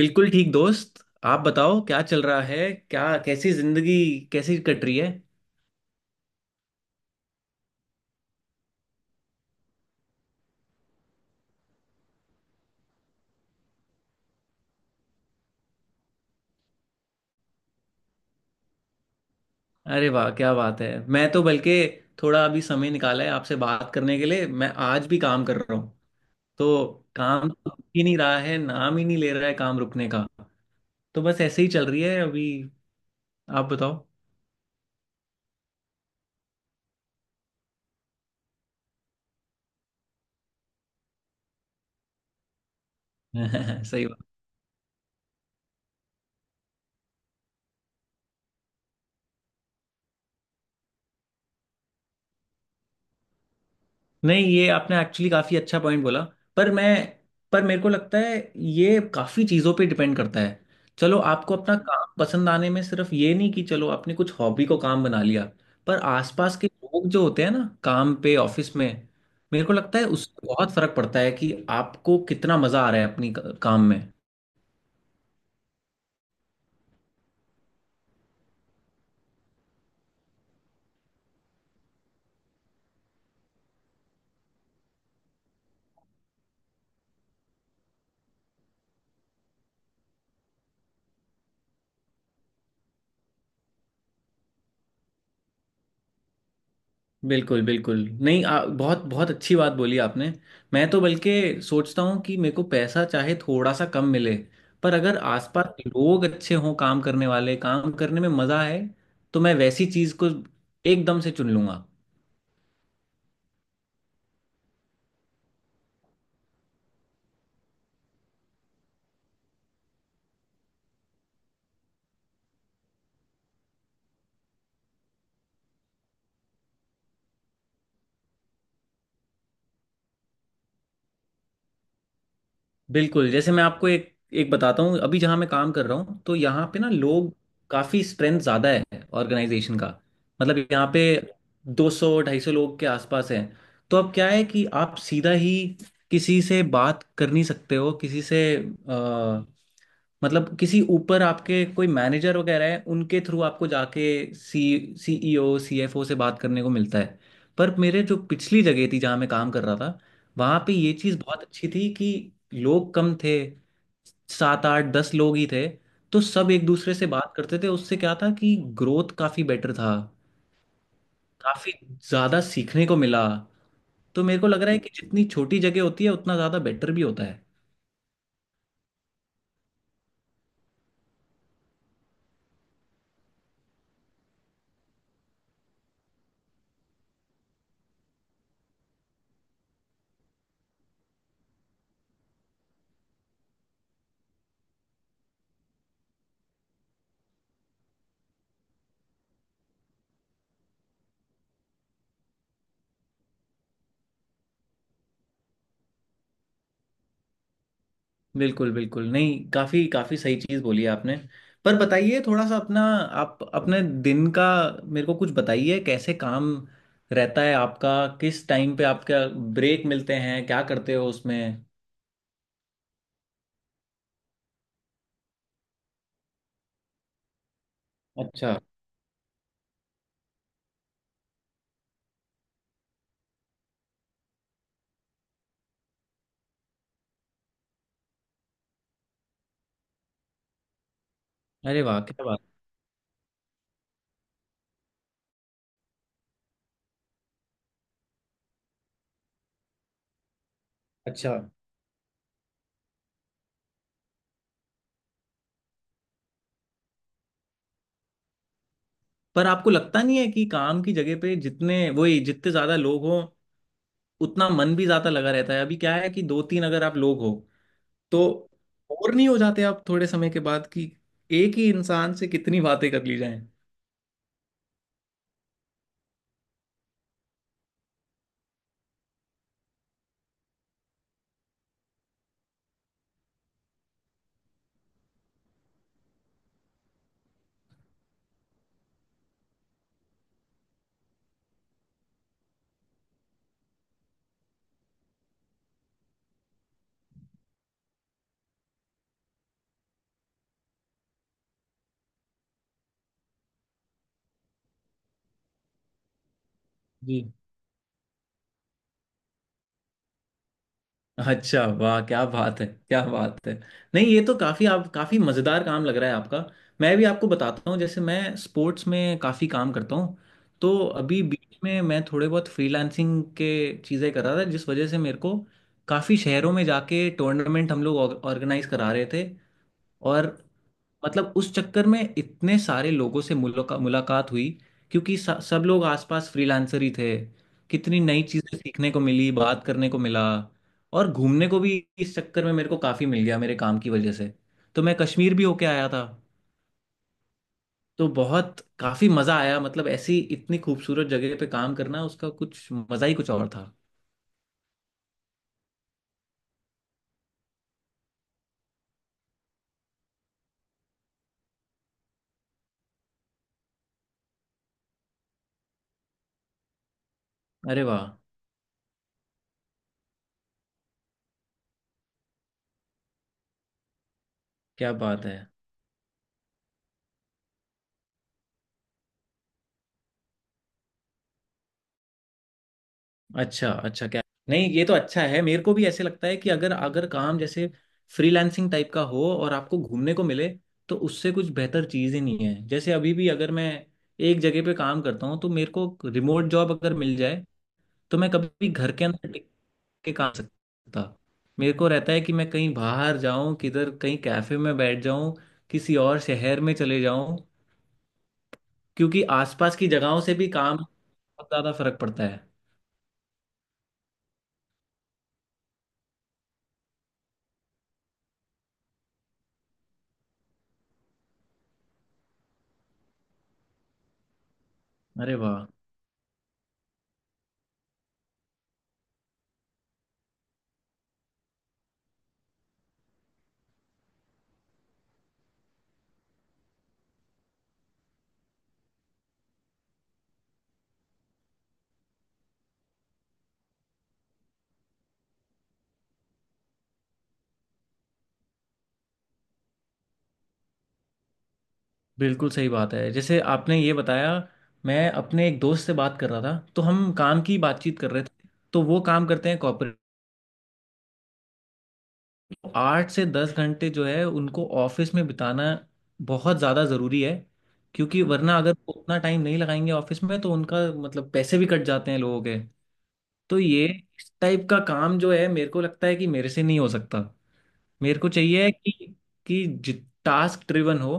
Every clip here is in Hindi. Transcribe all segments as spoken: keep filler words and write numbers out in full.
बिल्कुल ठीक दोस्त। आप बताओ क्या चल रहा है। क्या कैसी जिंदगी, कैसी कट रही है। अरे वाह, क्या बात है। मैं तो बल्कि थोड़ा अभी समय निकाला है आपसे बात करने के लिए, मैं आज भी काम कर रहा हूँ। तो काम तो रुक ही नहीं रहा है, नाम ही नहीं ले रहा है काम रुकने का। तो बस ऐसे ही चल रही है अभी। आप बताओ। सही। नहीं, ये आपने एक्चुअली काफी अच्छा पॉइंट बोला। पर मैं पर मेरे को लगता है ये काफी चीजों पे डिपेंड करता है। चलो, आपको अपना काम पसंद आने में सिर्फ ये नहीं कि चलो आपने कुछ हॉबी को काम बना लिया, पर आसपास के लोग जो होते हैं ना काम पे ऑफिस में, मेरे को लगता है उससे बहुत फर्क पड़ता है कि आपको कितना मजा आ रहा है अपनी क- काम में। बिल्कुल बिल्कुल। नहीं, आ, बहुत बहुत अच्छी बात बोली आपने। मैं तो बल्कि सोचता हूँ कि मेरे को पैसा चाहे थोड़ा सा कम मिले, पर अगर आसपास लोग अच्छे हों, काम करने वाले, काम करने में मज़ा है, तो मैं वैसी चीज़ को एकदम से चुन लूंगा। बिल्कुल, जैसे मैं आपको एक एक बताता हूँ। अभी जहाँ मैं काम कर रहा हूँ, तो यहाँ पे ना लोग, काफ़ी स्ट्रेंथ ज़्यादा है ऑर्गेनाइजेशन का। मतलब यहाँ पे दो सौ ढाई सौ लोग के आसपास हैं। तो अब क्या है कि आप सीधा ही किसी से बात कर नहीं सकते हो, किसी से अ, मतलब किसी ऊपर आपके कोई मैनेजर वगैरह है, उनके थ्रू आपको जाके सी सीईओ सीएफओ से बात करने को मिलता है। पर मेरे जो पिछली जगह थी जहाँ मैं काम कर रहा था, वहां पे ये चीज बहुत अच्छी थी कि लोग कम थे, सात आठ दस लोग ही थे। तो सब एक दूसरे से बात करते थे, उससे क्या था कि ग्रोथ काफी बेटर था, काफी ज्यादा सीखने को मिला। तो मेरे को लग रहा है कि जितनी छोटी जगह होती है, उतना ज्यादा बेटर भी होता है। बिल्कुल बिल्कुल। नहीं, काफी काफी सही चीज बोली आपने। पर बताइए थोड़ा सा अपना, आप अपने दिन का मेरे को कुछ बताइए, कैसे काम रहता है आपका, किस टाइम पे आपका ब्रेक मिलते हैं, क्या करते हो उसमें। अच्छा। अरे वाह, क्या बात। अच्छा। पर आपको लगता नहीं है कि काम की जगह पे जितने वही, जितने ज्यादा लोग हो, उतना मन भी ज्यादा लगा रहता है। अभी क्या है कि दो तीन अगर आप लोग हो, तो बोर नहीं हो जाते आप थोड़े समय के बाद कि एक ही इंसान से कितनी बातें कर ली जाएं। जी। अच्छा, वाह क्या बात है, क्या बात है। नहीं, ये तो काफ़ी, आप काफ़ी मज़ेदार काम लग रहा है आपका। मैं भी आपको बताता हूँ, जैसे मैं स्पोर्ट्स में काफ़ी काम करता हूँ। तो अभी बीच में मैं थोड़े बहुत फ्रीलांसिंग के चीज़ें कर रहा था, जिस वजह से मेरे को काफ़ी शहरों में जाके टूर्नामेंट हम लोग ऑर्गेनाइज करा रहे थे। और मतलब उस चक्कर में इतने सारे लोगों से मुलाका, मुलाकात हुई, क्योंकि स, सब लोग आसपास फ्रीलांसर ही थे। कितनी नई चीजें सीखने को मिली, बात करने को मिला। और घूमने को भी इस चक्कर में मेरे को काफी मिल गया मेरे काम की वजह से। तो मैं कश्मीर भी होके आया था। तो बहुत काफी मजा आया, मतलब ऐसी इतनी खूबसूरत जगह पे काम करना, उसका कुछ मजा ही कुछ और था। अरे वाह, क्या बात है। अच्छा अच्छा, क्या, नहीं ये तो अच्छा है। मेरे को भी ऐसे लगता है कि अगर अगर काम जैसे फ्रीलांसिंग टाइप का हो और आपको घूमने को मिले, तो उससे कुछ बेहतर चीज़ ही नहीं है। जैसे अभी भी अगर मैं एक जगह पे काम करता हूँ, तो मेरे को रिमोट जॉब अगर मिल जाए, तो मैं कभी भी घर के अंदर टिक के काम नहीं सकता। मेरे को रहता है कि मैं कहीं बाहर जाऊं, किधर कहीं कैफे में बैठ जाऊं, किसी और शहर में चले जाऊं। क्योंकि आसपास की जगहों से भी काम बहुत ज़्यादा फर्क पड़ता है। अरे वाह। बिल्कुल सही बात है, जैसे आपने ये बताया। मैं अपने एक दोस्त से बात कर रहा था, तो हम काम की बातचीत कर रहे थे। तो वो काम करते हैं कॉर्पोरेट। आठ से दस घंटे जो है उनको ऑफिस में बिताना बहुत ज़्यादा ज़रूरी है, क्योंकि वरना अगर वो उतना टाइम नहीं लगाएंगे ऑफिस में तो उनका, मतलब पैसे भी कट जाते हैं लोगों के। तो ये, इस टाइप का काम जो है मेरे को लगता है कि मेरे से नहीं हो सकता। मेरे को चाहिए कि कि टास्क ड्रिवन हो।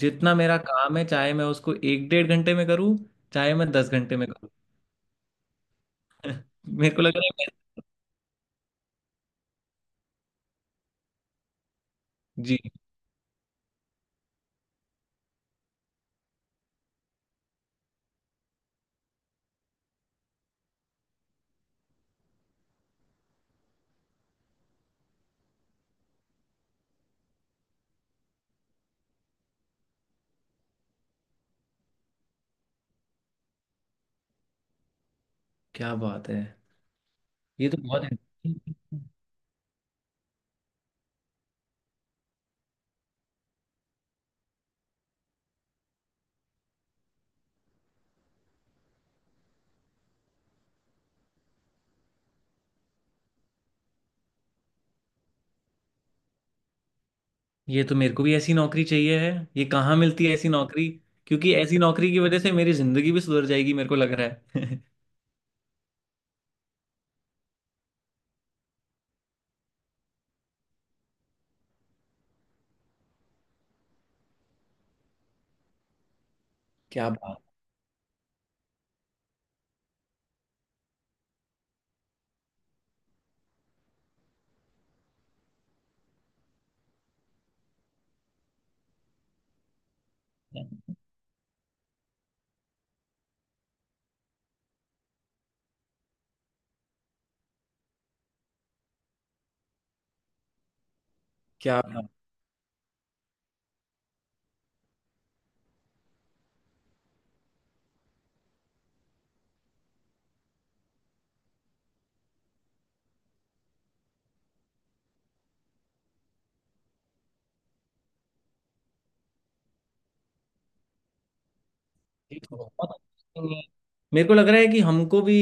जितना मेरा काम है, चाहे मैं उसको एक डेढ़ घंटे में करूँ, चाहे मैं दस घंटे में करूँ। मेरे को लग रहा है मैं। जी। क्या बात है, ये तो बहुत है। ये तो मेरे को भी ऐसी नौकरी चाहिए है। ये कहाँ मिलती है ऐसी नौकरी, क्योंकि ऐसी नौकरी की वजह से मेरी जिंदगी भी सुधर जाएगी मेरे को लग रहा है। क्या बात है, क्या बात। ठीक है, बहुत अच्छी चीज़ है। मेरे को लग रहा है कि हमको भी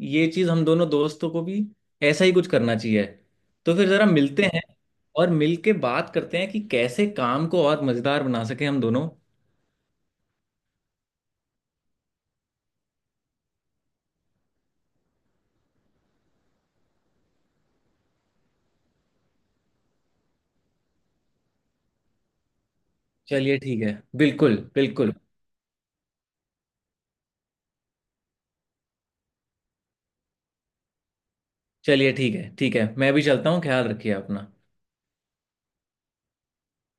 ये चीज़, हम दोनों दोस्तों को भी ऐसा ही कुछ करना चाहिए। तो फिर ज़रा मिलते हैं और मिल के बात करते हैं कि कैसे काम को और मज़ेदार बना सके हम दोनों। चलिए ठीक है, बिल्कुल बिल्कुल। चलिए ठीक है, ठीक है, मैं भी चलता हूँ, ख्याल रखिए अपना।